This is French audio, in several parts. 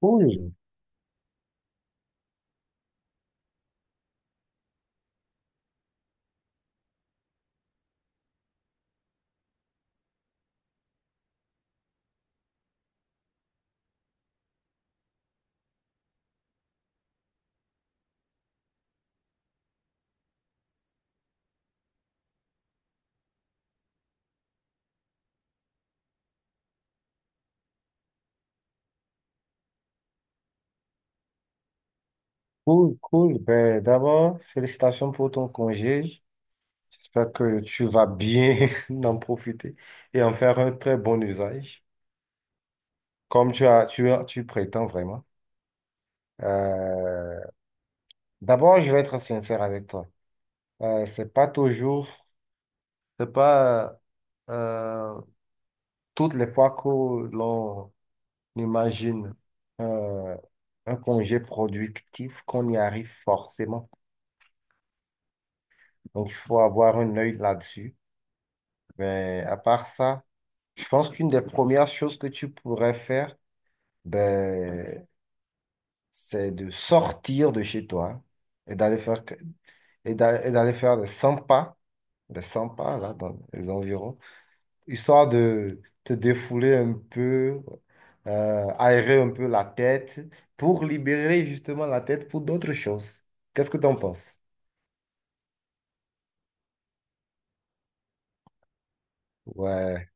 Cool, cool. Ben, d'abord, félicitations pour ton congé. J'espère que tu vas bien en profiter et en faire un très bon usage, comme tu prétends vraiment. Euh, D'abord, je vais être sincère avec toi. Euh, c'est pas toujours, c'est pas euh, toutes les fois que l'on imagine euh, un congé productif qu'on y arrive forcément. Donc, il faut avoir un œil là-dessus. Mais à part ça, je pense qu'une des premières choses que tu pourrais faire, ben, c'est de sortir de chez toi et d'aller et d'aller faire des 100 pas là, dans les environs, histoire de te défouler un peu, aérer un peu la tête pour libérer justement la tête pour d'autres choses. Qu'est-ce que tu en penses? Ouais,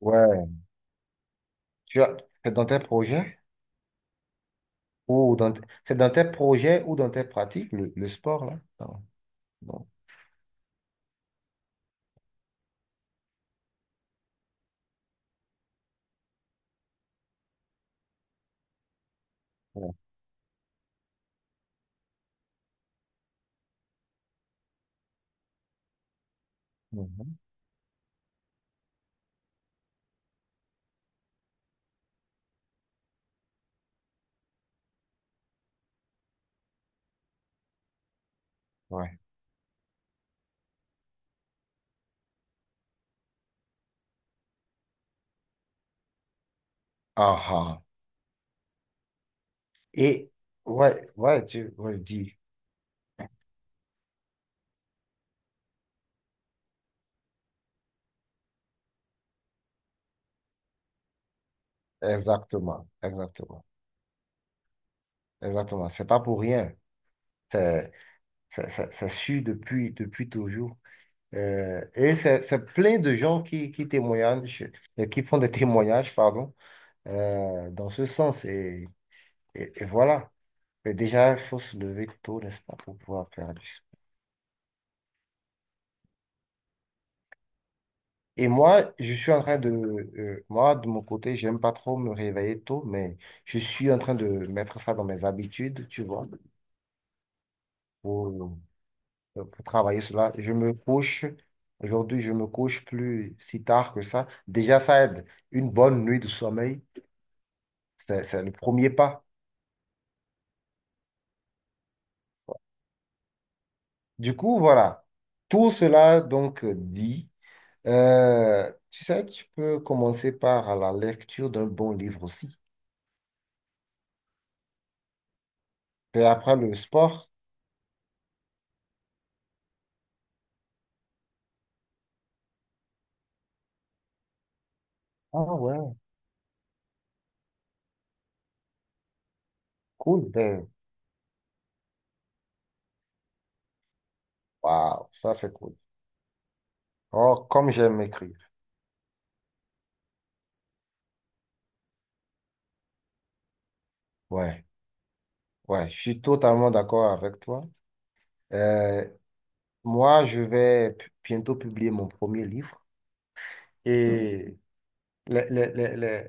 ouais. Tu as- c'est dans tes projets ou dans, c'est dans tes projets ou dans tes pratiques, le sport là? Non. Ouais. Mhm. Ouais. Aha. Et ouais, ouais, dis, exactement, exactement, exactement. C'est pas pour rien. C'est c'est su depuis, depuis toujours. Et c'est plein de gens qui témoignent, qui font des témoignages, pardon, dans ce sens. Et voilà. Mais déjà, il faut se lever tôt, n'est-ce pas, pour pouvoir faire du sport. Et moi, je suis en train de... moi, de mon côté, j'aime pas trop me réveiller tôt, mais je suis en train de mettre ça dans mes habitudes, tu vois, pour, pour travailler cela. Je me couche, aujourd'hui, je me couche plus si tard que ça. Déjà, ça aide. Une bonne nuit de sommeil, c'est le premier pas. Du coup, voilà. Tout cela, donc, dit, tu sais, tu peux commencer par la lecture d'un bon livre aussi. Et après le sport, ah ouais, cool, ben, waouh, ça c'est cool. Oh, comme j'aime écrire. Ouais, ouais, je suis totalement d'accord avec toi. Euh, Moi, je vais bientôt publier mon premier livre, et les, les- les- les-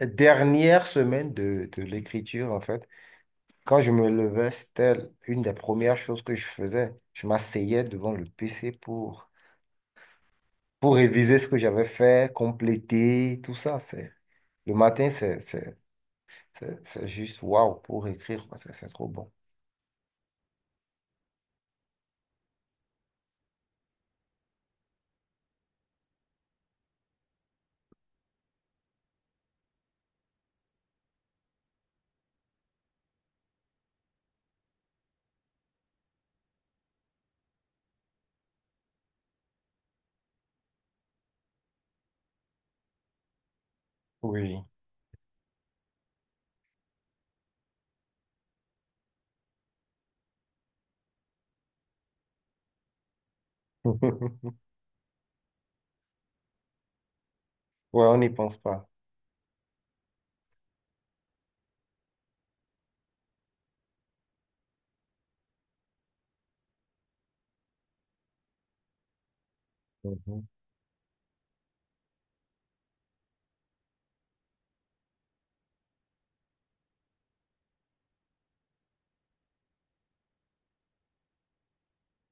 les dernières semaines de l'écriture, en fait, quand je me levais, c'était une des premières choses que je faisais. Je m'asseyais devant le PC pour réviser ce que j'avais fait, compléter, tout ça. Le matin, c'est juste waouh pour écrire parce que c'est trop bon. Oui. Ouais, on n'y pense pas. Mhm.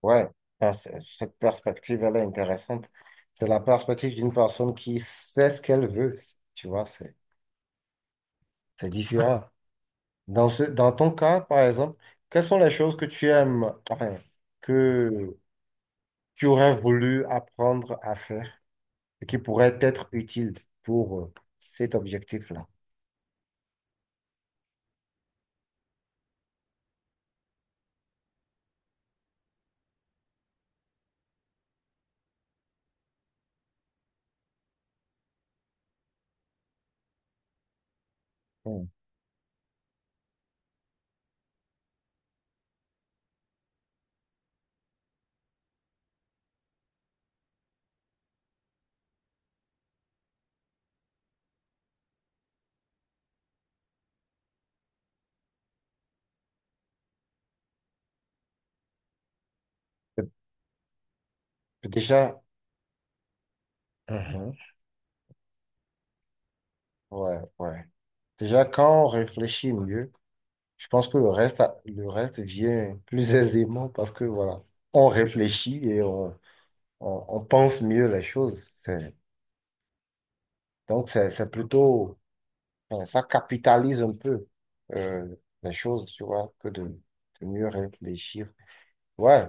Ouais, ben, cette perspective, elle est intéressante. C'est la perspective d'une personne qui sait ce qu'elle veut. Tu vois, c'est différent. Dans ton cas, par exemple, quelles sont les choses que tu aimes, enfin, que tu aurais voulu apprendre à faire et qui pourraient être utiles pour cet objectif-là? Mhm. Déjà, mhm, ouais, ouais. Déjà, quand on réfléchit mieux, je pense que le reste, le reste vient plus aisément parce que voilà, on réfléchit on pense mieux les choses. Donc, c'est plutôt, enfin, ça capitalise un peu euh, les choses, tu vois, de mieux réfléchir. Ouais,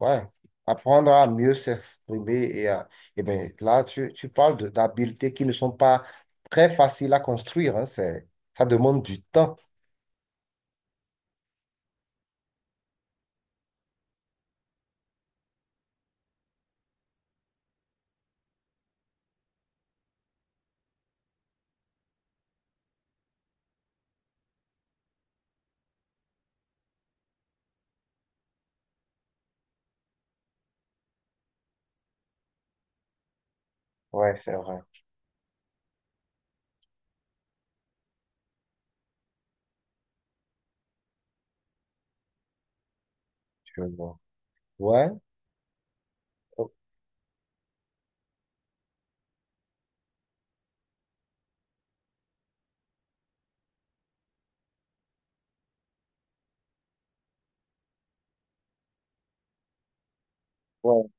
ouais. Apprendre à mieux s'exprimer, et ben là, tu parles d'habiletés qui ne sont pas très faciles à construire, hein, c'est, ça demande du temps. Ouais, c'est vrai. Je vois. Ouais. Ouais.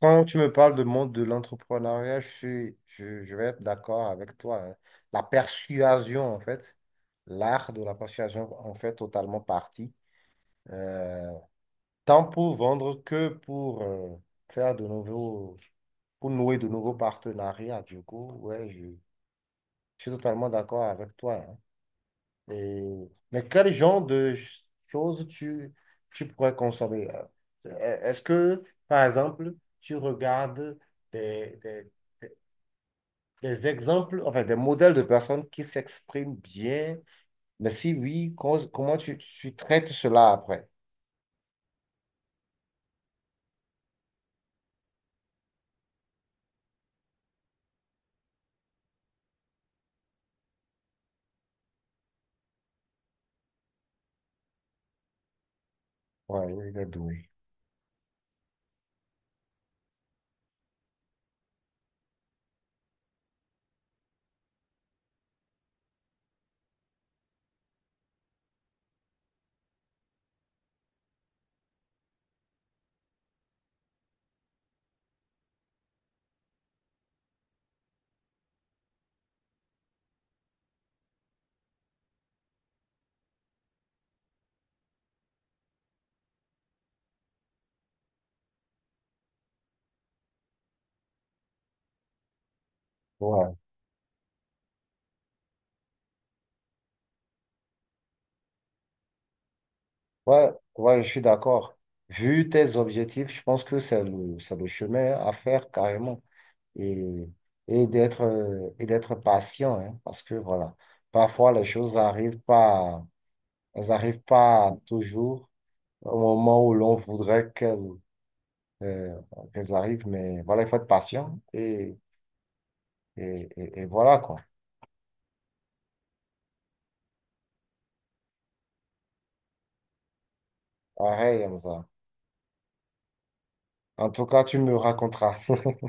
Quand tu me parles de monde de l'entrepreneuriat, je vais être d'accord avec toi, hein. La persuasion, en fait, l'art de la persuasion en fait totalement partie, euh, tant pour vendre que pour faire de nouveaux, pour nouer de nouveaux partenariats. Du coup, je suis totalement d'accord avec toi, hein. Mais quel genre de choses tu pourrais consommer, euh? Est-ce que, par exemple, tu regardes des, des, des exemples, enfin des modèles de personnes qui s'expriment bien? Mais si oui, comment tu traites cela après? Ouais, il est doué. Ouais, ouais, je suis d'accord. Vu tes objectifs, je pense que c'est le chemin à faire carrément. Et, et d'être patient, hein, parce que voilà, parfois les choses arrivent pas, elles arrivent pas toujours au moment où l'on voudrait qu'elles euh, qu'elles arrivent, mais voilà, il faut être patient, et voilà quoi. Pareil, Hamza. En tout cas, tu me raconteras.